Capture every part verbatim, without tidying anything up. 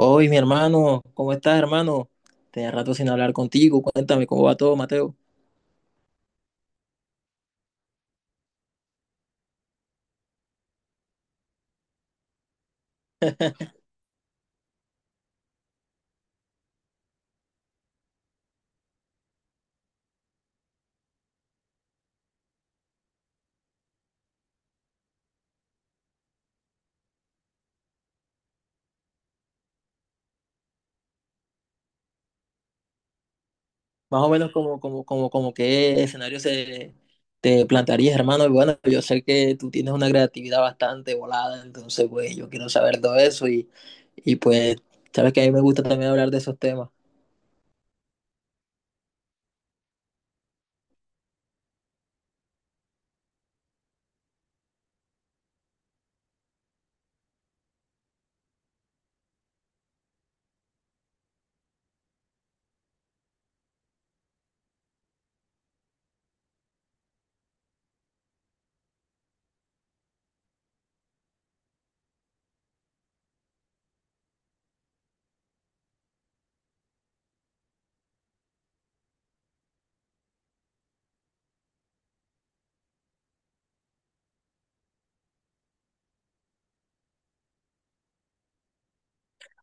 Hoy, mi hermano, ¿cómo estás, hermano? Tenía rato sin hablar contigo. Cuéntame cómo va todo, Mateo. Más o menos como, como, como, como qué escenario se te plantearías, hermano. Y bueno, yo sé que tú tienes una creatividad bastante volada, entonces, pues, yo quiero saber todo eso y, y pues, sabes que a mí me gusta también hablar de esos temas.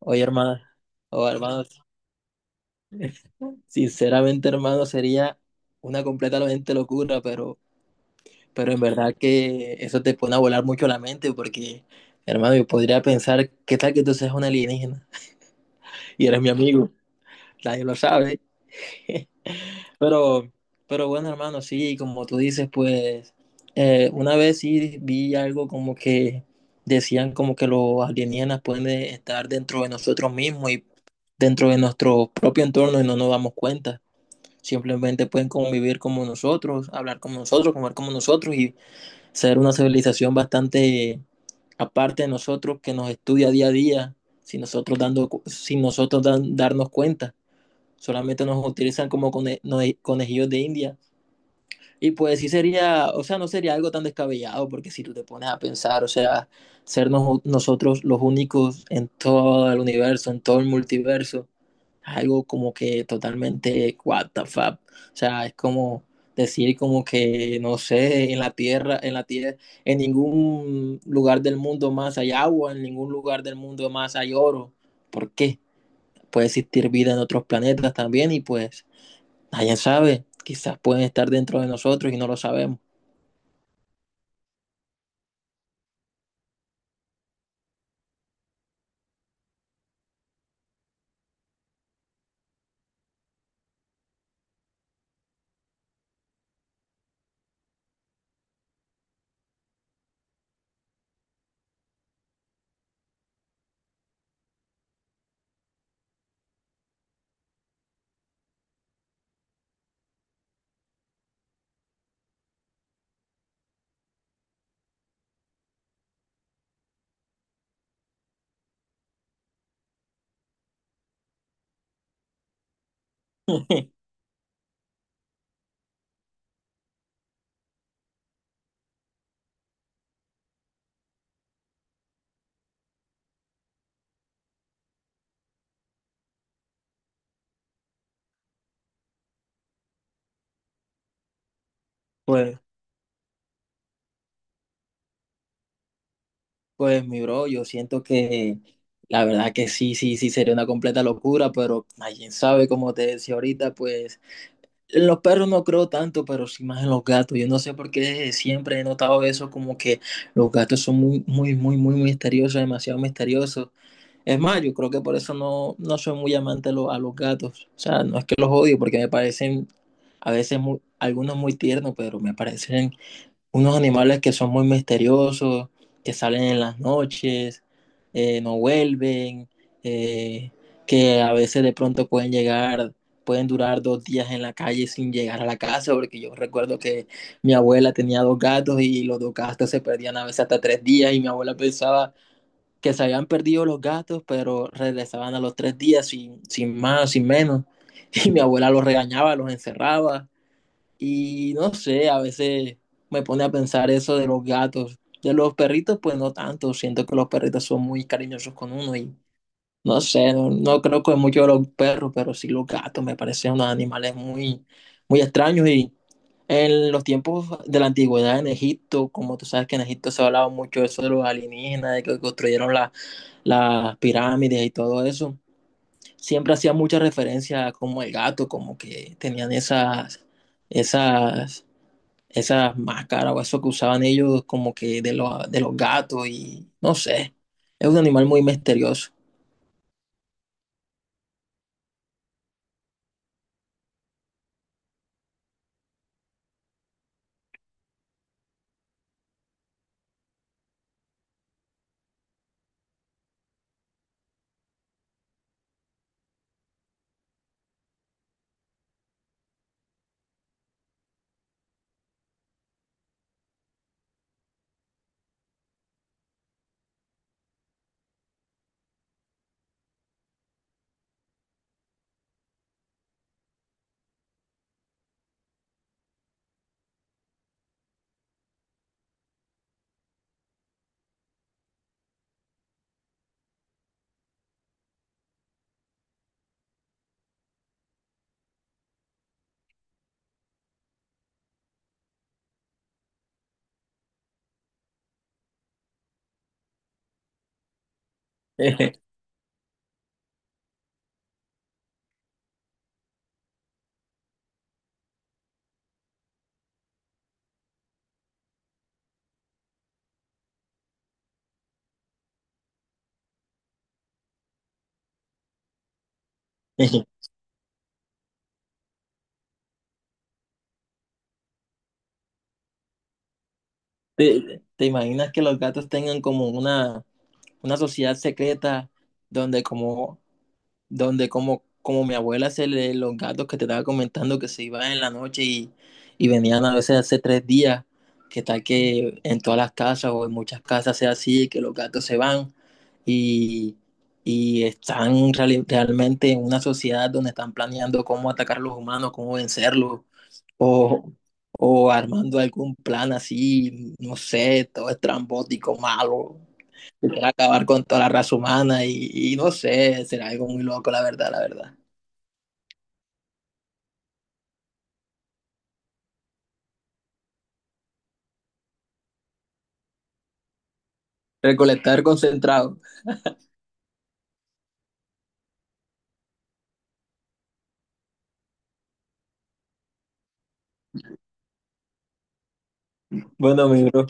Oye, hermano, o hermanos, sinceramente, hermano, sería una completamente locura. Pero en verdad que eso te pone a volar mucho la mente porque, hermano, yo podría pensar, ¿qué tal que tú seas un alienígena? Y eres mi amigo, nadie lo sabe. Pero, pero bueno, hermano, sí, como tú dices, pues eh, una vez sí vi algo como que decían como que los alienígenas pueden estar dentro de nosotros mismos y dentro de nuestro propio entorno y no nos damos cuenta. Simplemente pueden convivir como nosotros, hablar como nosotros, comer como nosotros y ser una civilización bastante aparte de nosotros que nos estudia día a día sin nosotros, dando, sin nosotros dan, darnos cuenta. Solamente nos utilizan como cone, no, conejillos de India, y pues sí sería, o sea, no sería algo tan descabellado, porque si tú te pones a pensar, o sea, ser nos- nosotros los únicos en todo el universo, en todo el multiverso, es algo como que totalmente what the fuck. O sea, es como decir como que, no sé, en la Tierra, en la Tierra, en ningún lugar del mundo más hay agua, en ningún lugar del mundo más hay oro. ¿Por qué? Puede existir vida en otros planetas también, y pues nadie sabe, quizás pueden estar dentro de nosotros y no lo sabemos. Pues, pues mi bro, yo siento que la verdad que sí, sí, sí, sería una completa locura, pero nadie sabe, como te decía ahorita, pues en los perros no creo tanto, pero sí más en los gatos. Yo no sé por qué siempre he notado eso, como que los gatos son muy, muy, muy, muy misteriosos, demasiado misteriosos. Es más, yo creo que por eso no, no soy muy amante a lo- a los gatos. O sea, no es que los odio, porque me parecen a veces muy, algunos muy tiernos, pero me parecen unos animales que son muy misteriosos, que salen en las noches, eh, no vuelven, eh, que a veces de pronto pueden llegar, pueden durar dos días en la calle sin llegar a la casa, porque yo recuerdo que mi abuela tenía dos gatos y los dos gatos se perdían a veces hasta tres días y mi abuela pensaba que se habían perdido los gatos, pero regresaban a los tres días sin, sin más, sin menos. Y mi abuela los regañaba, los encerraba, y no sé, a veces me pone a pensar eso de los gatos. De los perritos, pues no tanto. Siento que los perritos son muy cariñosos con uno y no sé, no, no creo que mucho de los perros, pero sí los gatos me parecen unos animales muy, muy extraños. Y en los tiempos de la antigüedad en Egipto, como tú sabes que en Egipto se hablaba mucho de eso de los alienígenas, de que construyeron la- las pirámides y todo eso, siempre hacía mucha referencia como el gato, como que tenían esas, esas esas máscaras o eso que usaban ellos como que de los, de los gatos. Y no sé, es un animal muy misterioso. ¿Te, te imaginas que los gatos tengan como una, una sociedad secreta donde como, donde como, como mi abuela se le, los gatos que te estaba comentando que se iban en la noche y, y venían a veces hace tres días, que tal que en todas las casas o en muchas casas sea así, que los gatos se van y, y están reali- realmente en una sociedad donde están planeando cómo atacar a los humanos, cómo vencerlos, o, o armando algún plan así, no sé, todo estrambótico, malo, que quiera acabar con toda la raza humana, y, y no sé, será algo muy loco, la verdad, la verdad. Recolectar concentrado. Bueno, mi bro,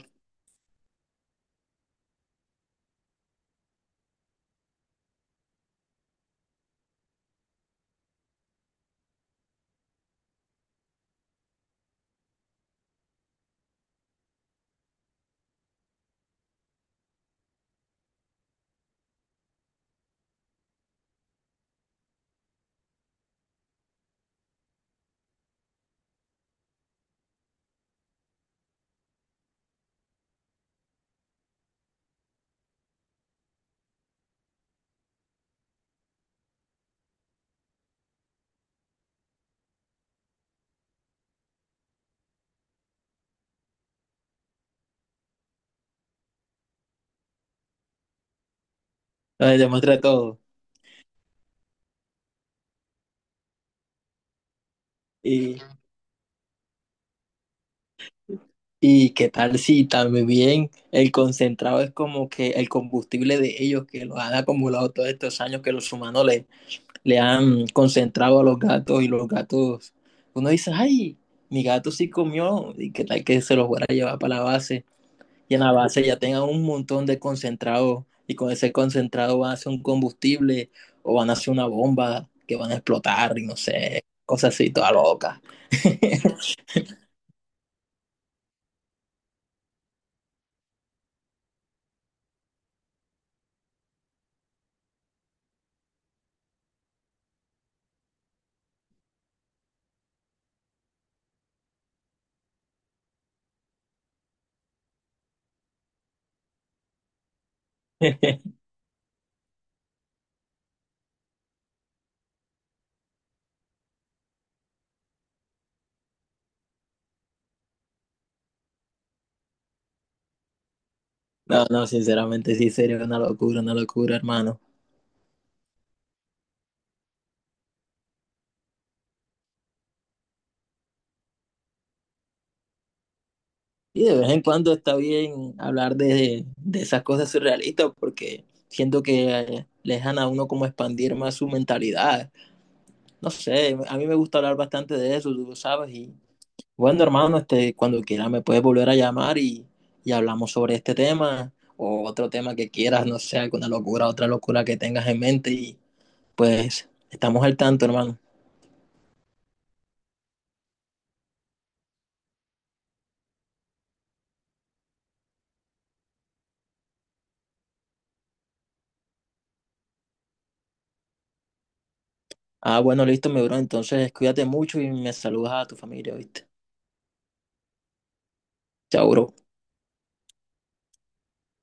nos demuestra todo. Y ¿Y qué tal si también el concentrado es como que el combustible de ellos que los han acumulado todos estos años que los humanos le, le han concentrado a los gatos? Y los gatos, uno dice, ay, mi gato sí comió, y qué tal que se los fuera a llevar para la base y en la base ya tengan un montón de concentrado y con ese concentrado van a hacer un combustible o van a hacer una bomba que van a explotar, y no sé, cosas así, toda loca. No, no, sinceramente sí sería una locura, una locura, hermano. Y de vez en cuando está bien hablar de, de esas cosas surrealistas porque siento que eh, le dejan a uno como expandir más su mentalidad. No sé, a mí me gusta hablar bastante de eso, tú lo sabes. Y bueno, hermano, este, cuando quiera me puedes volver a llamar y, y hablamos sobre este tema o otro tema que quieras, no sé, alguna locura, otra locura que tengas en mente, y pues estamos al tanto, hermano. Ah, bueno, listo, mi bro. Entonces, cuídate mucho y me saludas a tu familia, ¿viste? Chao, bro.